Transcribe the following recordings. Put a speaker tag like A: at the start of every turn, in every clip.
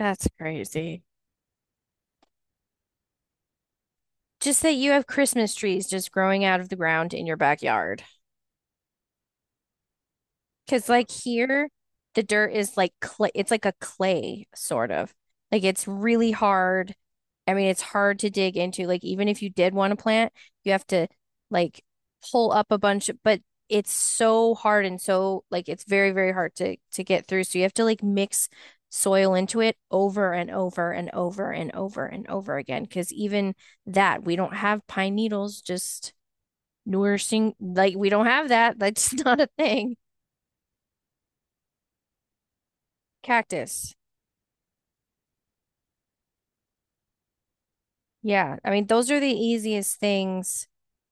A: That's crazy. Just that you have Christmas trees just growing out of the ground in your backyard. Because like here, the dirt is like clay. It's like a clay sort of. Like it's really hard. I mean, it's hard to dig into. Like even if you did want to plant, you have to like pull up a bunch, but it's so hard and so like it's very, very hard to get through. So you have to like mix soil into it over and over and over and over and over again. Because even that, we don't have pine needles just nourishing. Like we don't have that. That's not a thing. Cactus. Yeah, I mean, those are the easiest things.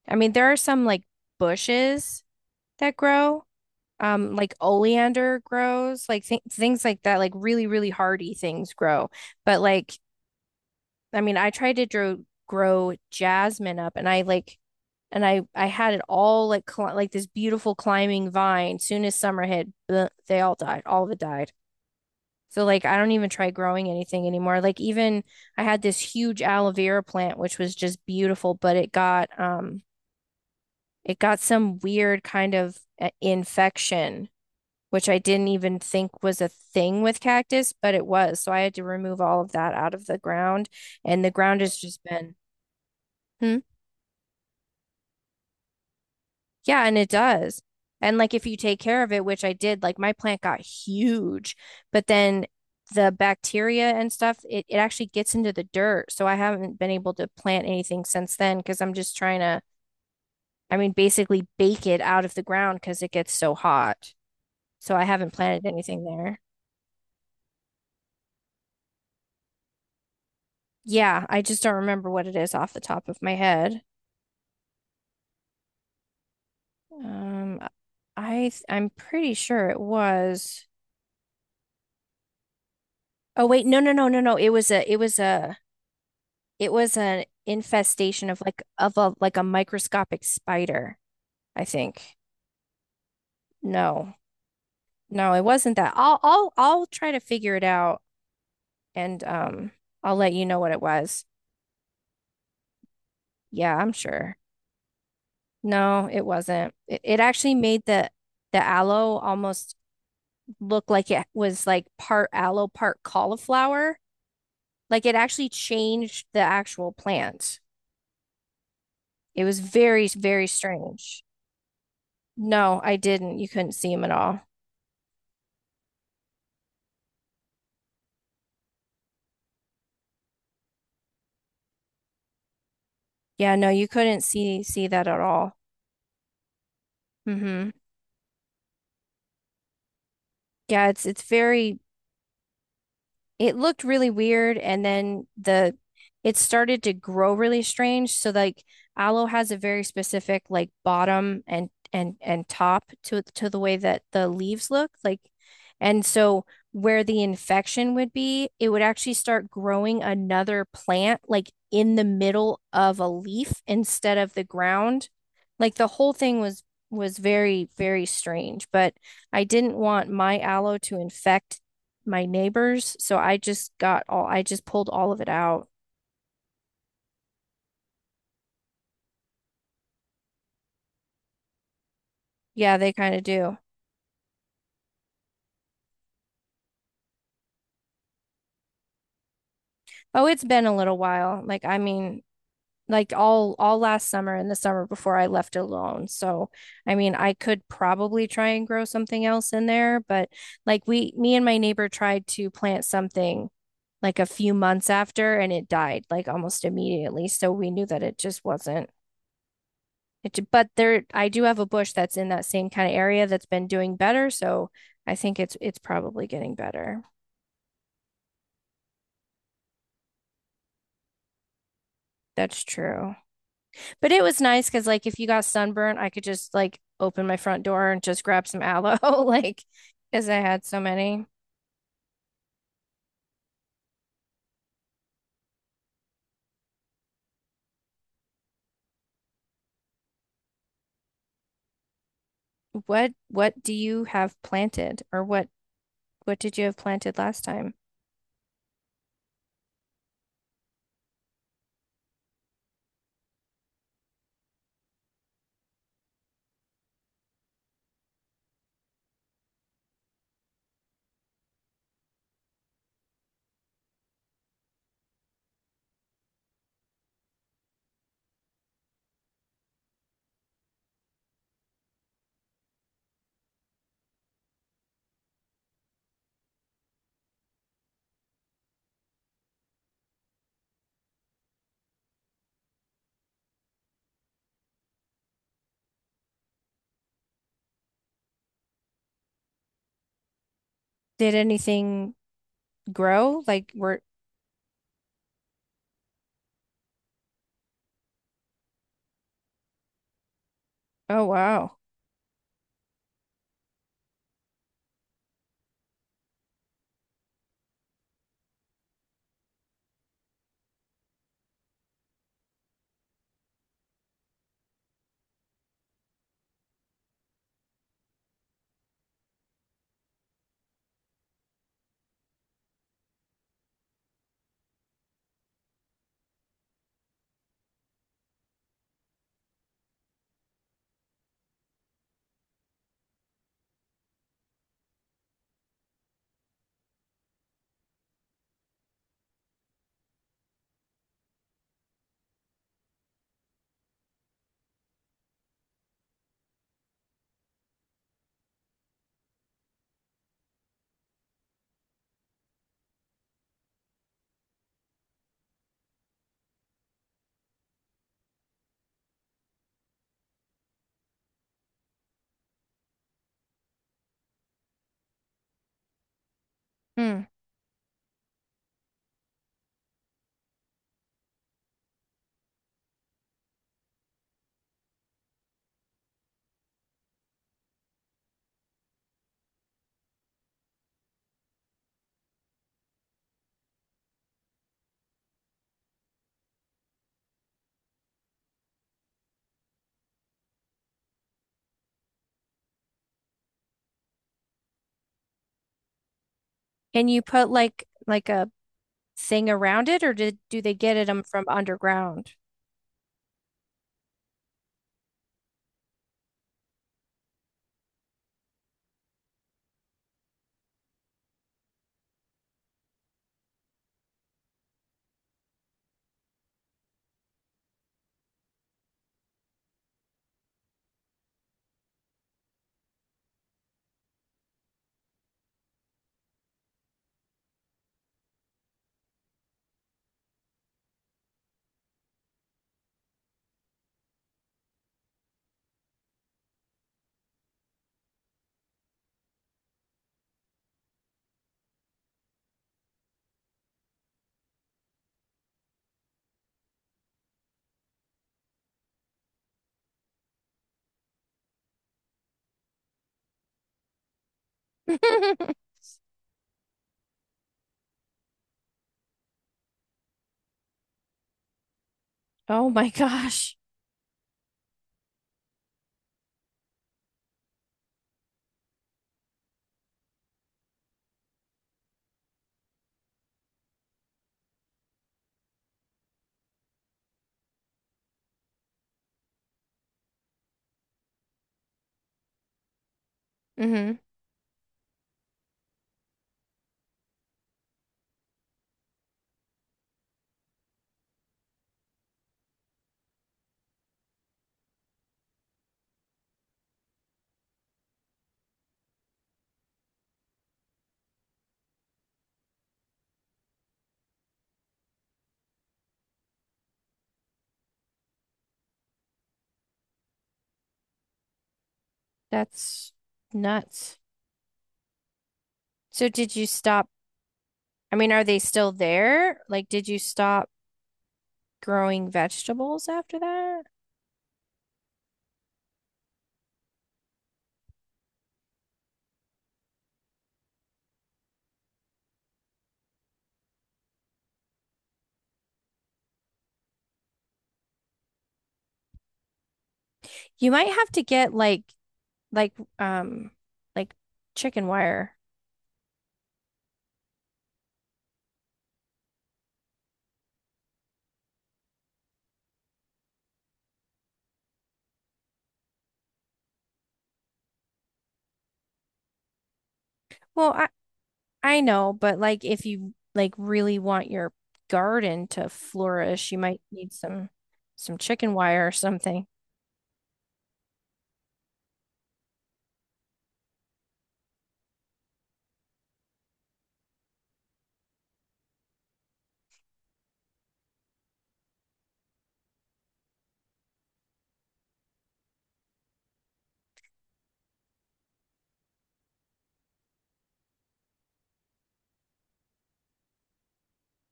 A: I mean, there are some like bushes that grow, like oleander grows, like th things like that, like really, really hardy things grow. But like, I mean, I tried to grow jasmine up, and I like, and I had it all like cli like this beautiful climbing vine. Soon as summer hit, bleh, they all died. All of it died. So like I don't even try growing anything anymore. Like even I had this huge aloe vera plant which was just beautiful, but it got some weird kind of infection which I didn't even think was a thing with cactus, but it was. So I had to remove all of that out of the ground and the ground has just been hmm. Yeah, and it does. And like if you take care of it, which I did, like my plant got huge, but then the bacteria and stuff, it actually gets into the dirt. So I haven't been able to plant anything since then because I'm just trying to, I mean, basically bake it out of the ground because it gets so hot. So I haven't planted anything there. Yeah, I just don't remember what it is off the top of my head. Um, I'm pretty sure it was. Oh wait, no, no, no, no, no. It was an infestation of like of a like a microscopic spider, I think. No, no, it wasn't that. I'll try to figure it out and I'll let you know what it was. Yeah, I'm sure. No, it wasn't. It actually made the aloe almost look like it was like part aloe, part cauliflower. Like it actually changed the actual plant. It was very, very strange. No, I didn't. You couldn't see him at all. Yeah, no, you couldn't see that at all. Hmm. Yeah, it's very it looked really weird and then the it started to grow really strange. So like aloe has a very specific like bottom and top to the way that the leaves look like and so where the infection would be, it would actually start growing another plant like in the middle of a leaf instead of the ground. Like the whole thing was very very strange, but I didn't want my aloe to infect my neighbors. So I just got all, I just pulled all of it out. Yeah, they kind of do. Oh, it's been a little while. Like, I mean, like all last summer and the summer before I left alone. So, I mean, I could probably try and grow something else in there, but like we, me and my neighbor tried to plant something like a few months after and it died like almost immediately. So we knew that it just wasn't it, but there, I do have a bush that's in that same kind of area that's been doing better, so I think it's probably getting better. That's true. But it was nice because like if you got sunburnt, I could just like open my front door and just grab some aloe, like because I had so many. What do you have planted or what did you have planted last time? Did anything grow? Like were oh wow. Hmm. And you put like a thing around it or did do they get it from underground? Oh my gosh. Hmm. That's nuts. So did you stop? I mean, are they still there? Like, did you stop growing vegetables after that? You might have to get like um like chicken wire. Well, I know, but like if you like really want your garden to flourish, you might need some chicken wire or something.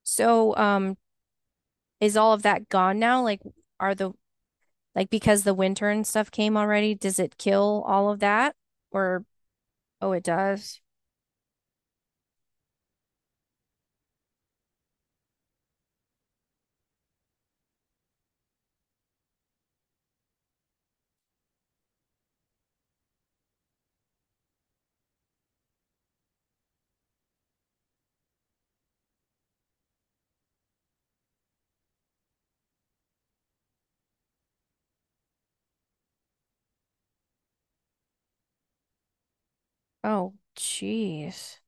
A: So, is all of that gone now? Like, are the like because the winter and stuff came already, does it kill all of that? Or oh, it does. Oh, jeez.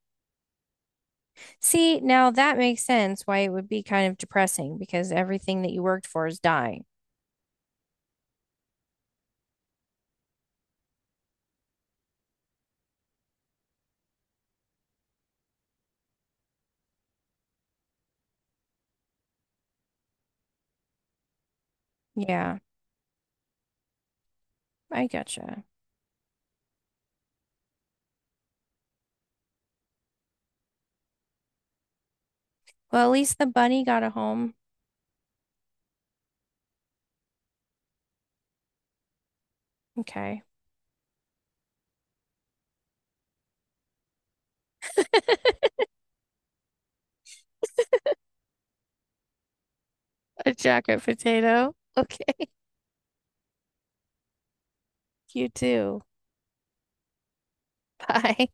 A: See, now that makes sense why it would be kind of depressing because everything that you worked for is dying. Yeah, I gotcha. Well, at least the bunny got a home. Okay. A jacket potato. Okay. You too. Bye.